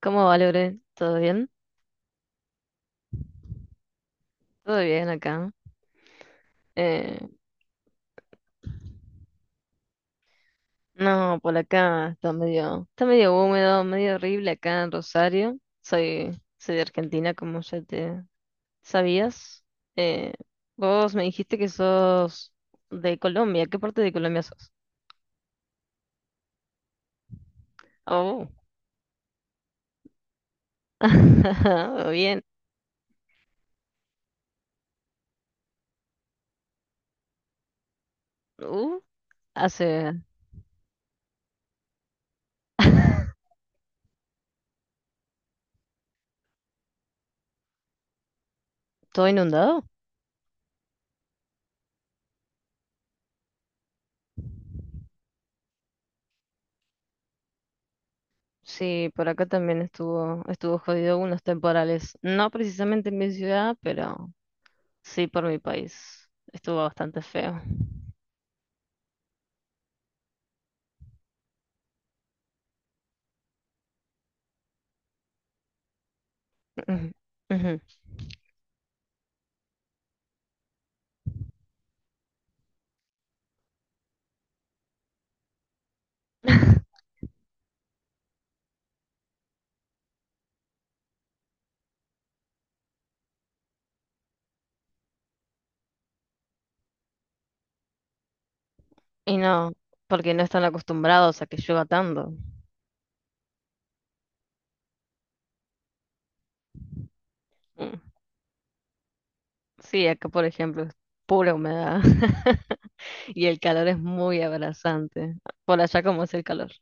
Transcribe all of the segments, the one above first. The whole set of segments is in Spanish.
¿Cómo va, Lore? ¿Todo bien? Todo bien acá. Eh, no, por acá está medio húmedo, medio horrible acá en Rosario. Soy de Argentina, como ya te sabías. Eh, vos me dijiste que sos de Colombia. ¿Qué parte de Colombia sos? Oh, bien. Uh, Hace ¿Todo inundado? Sí, por acá también estuvo jodido unos temporales. No precisamente en mi ciudad, pero sí, por mi país. Estuvo bastante feo. Ujú, ujú. Y no, porque no están acostumbrados a que llueva tanto. Mm. Sí, acá por ejemplo es pura humedad. Y el calor es muy abrasante. Por allá, ¿cómo es el calor?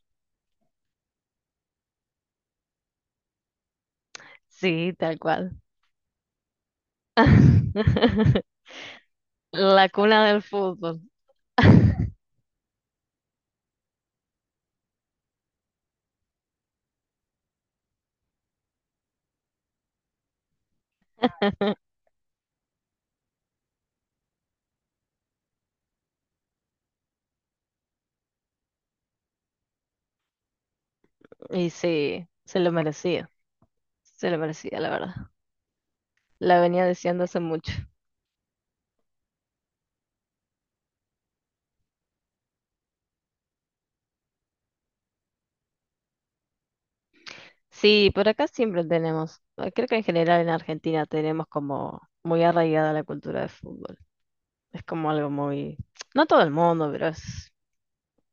Sí, tal cual. La cuna del fútbol. Y sí, se lo merecía. Se lo merecía, la verdad. La venía deseando hace mucho. Sí, por acá siempre tenemos, creo que en general en Argentina tenemos como muy arraigada la cultura de fútbol. Es como algo muy, no todo el mundo, pero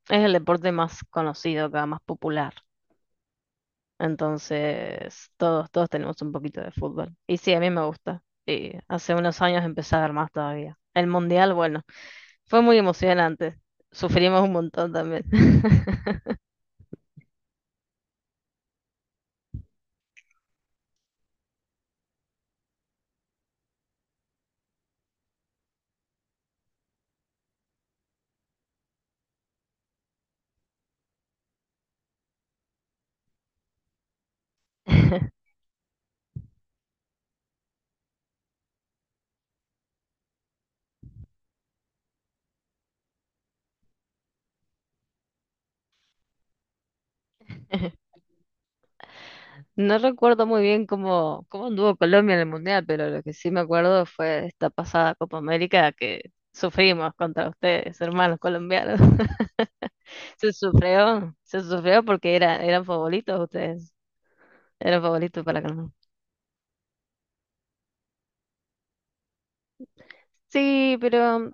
es el deporte más conocido acá, más popular. Entonces, todos tenemos un poquito de fútbol. Y sí, a mí me gusta. Y hace unos años empecé a ver más todavía. El mundial, bueno, fue muy emocionante. Sufrimos un montón también. No recuerdo muy bien cómo, cómo anduvo Colombia en el Mundial, pero lo que sí me acuerdo fue esta pasada Copa América que sufrimos contra ustedes, hermanos colombianos. Se sufrió porque era, eran favoritos ustedes, eran favoritos para ganar. Sí, pero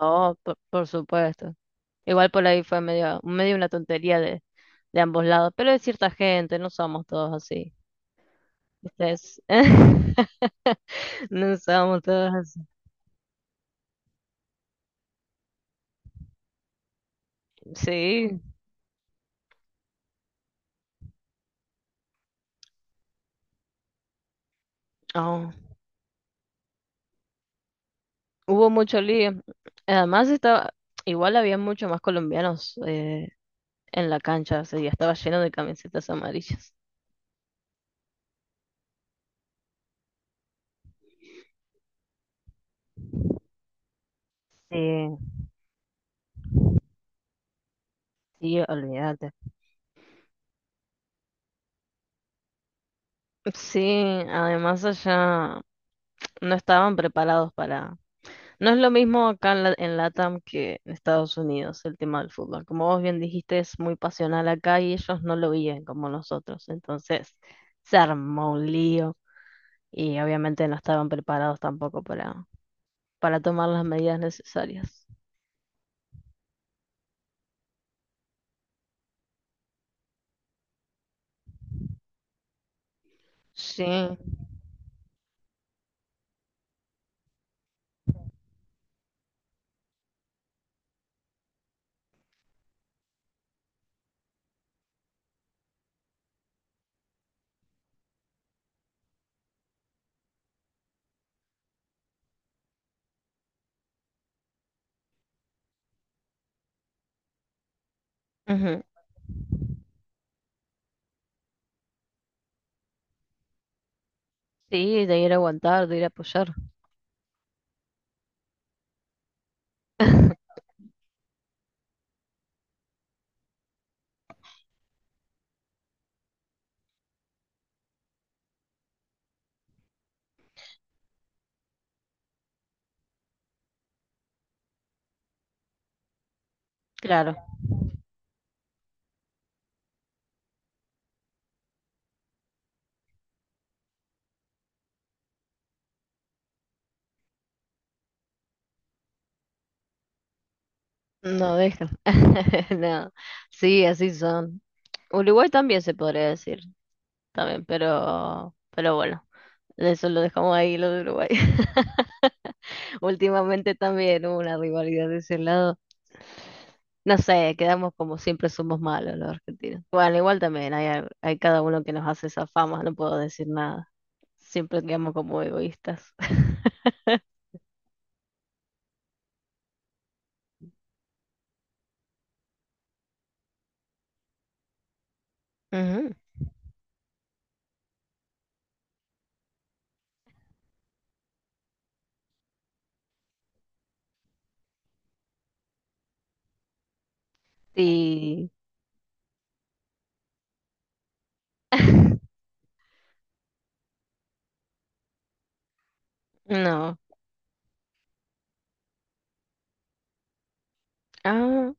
no, por supuesto. Igual por ahí fue medio, medio una tontería de ambos lados, pero de cierta gente, no somos todos así. Ustedes, no somos todos así. Sí. Oh. Hubo mucho lío. Además estaba, igual había mucho más colombianos en la cancha, o sea, ya estaba lleno de camisetas amarillas. Sí, sí, olvídate. Sí, además allá no estaban preparados para... No es lo mismo acá en, en LATAM que en Estados Unidos el tema del fútbol. Como vos bien dijiste, es muy pasional acá y ellos no lo viven como nosotros. Entonces se armó un lío y obviamente no estaban preparados tampoco para tomar las medidas necesarias. Sí, ujú. Sí, de ir a aguantar, de ir a apoyar. Claro, no deja. No, sí, así son. Uruguay también se podría decir, también, pero bueno, eso lo dejamos ahí, lo de Uruguay. Últimamente también hubo una rivalidad de ese lado. No sé, quedamos como siempre somos malos los argentinos. Bueno, igual también hay, hay cada uno que nos hace esa fama, no puedo decir nada. Siempre quedamos como egoístas. Ujú. Y no. Ah.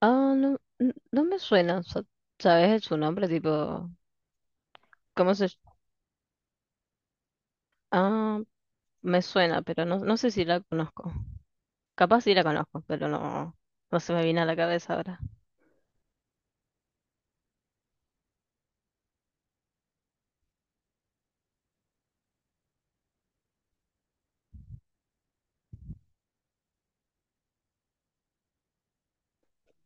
Ah, no, no me suena, ¿sabes su nombre? Tipo, ¿cómo se...? Ah, me suena, pero no, no sé si la conozco. Capaz sí la conozco, pero no, no se me viene a la cabeza ahora.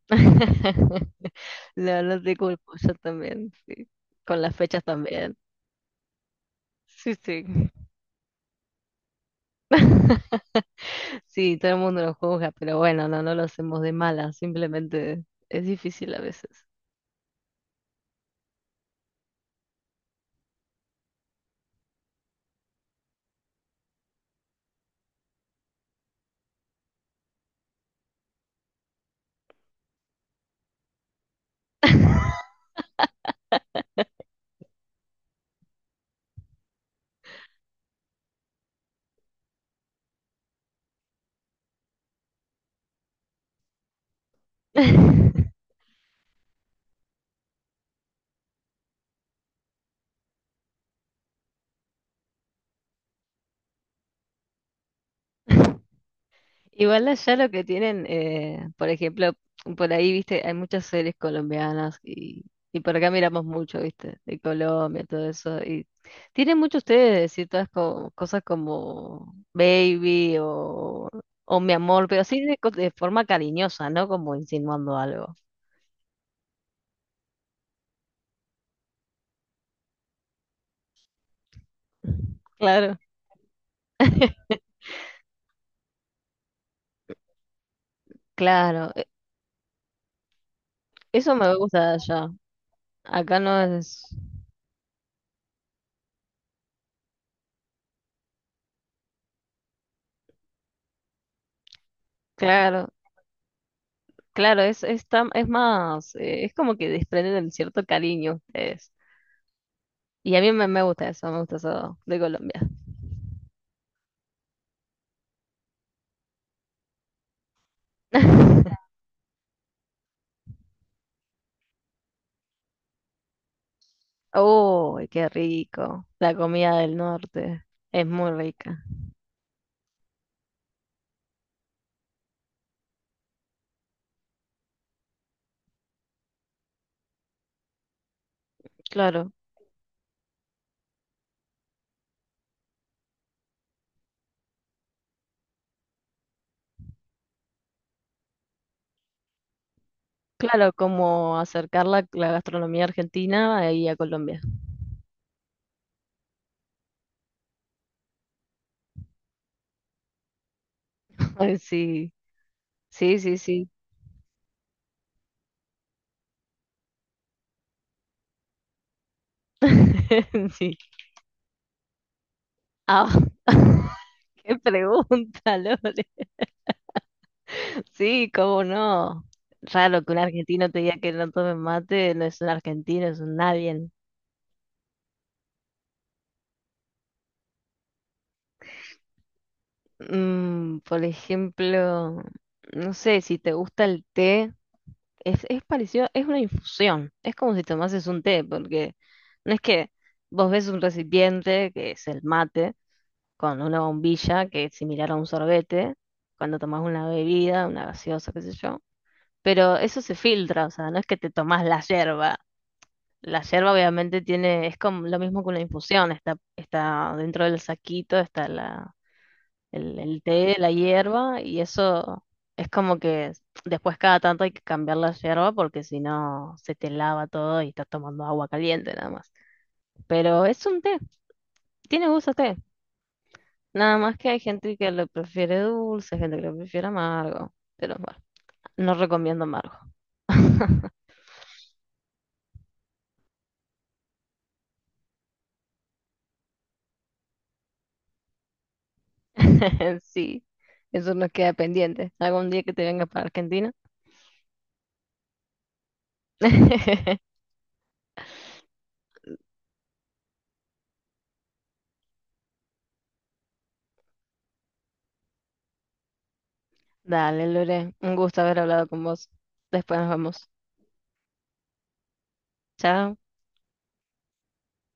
No, no te culpo, yo también, sí. Con las fechas también. Sí, sí. Sí, todo el mundo lo juzga, pero bueno, no, no lo hacemos de mala, simplemente es difícil a veces. Igual allá lo que tienen, por ejemplo, por ahí, viste, hay muchas series colombianas y por acá miramos mucho, viste, de Colombia, todo eso. Y tienen mucho ustedes de decir todas cosas como baby o mi amor, pero así de, de forma cariñosa, ¿no? Como insinuando algo. Claro. Claro, eso me gusta de allá. Acá no es. Claro, claro, es, es más, es como que desprenden cierto cariño ustedes. Y a mí me, me gusta eso de Colombia. Uy, qué rico. La comida del norte es muy rica. Claro, claro, como acercar la, la gastronomía argentina ahí a Colombia. Ay, sí, sí, sí, sí. Sí. Ah, qué pregunta, Lore. Sí, cómo no. Raro que un argentino te diga que no tome mate, no es un argentino, es un nadie. Mm, por ejemplo, no sé, si te gusta el té, es parecido, es una infusión, es como si tomases un té, porque no es que vos ves un recipiente, que es el mate, con una bombilla, que es similar a un sorbete, cuando tomás una bebida, una gaseosa, qué sé yo, pero eso se filtra, o sea, no es que te tomás la yerba. La yerba obviamente tiene, es como lo mismo que una infusión, está, está dentro del saquito, está el té, la hierba, y eso es como que después cada tanto hay que cambiar la hierba porque si no se te lava todo y estás tomando agua caliente nada más. Pero es un té, tiene gusto a té. Nada más que hay gente que lo prefiere dulce, gente que lo prefiere amargo. Pero bueno, no recomiendo amargo. Sí, eso nos queda pendiente. Algún día que te vengas para Argentina. Dale, Lore, un gusto haber hablado con vos. Después nos vemos. Chao.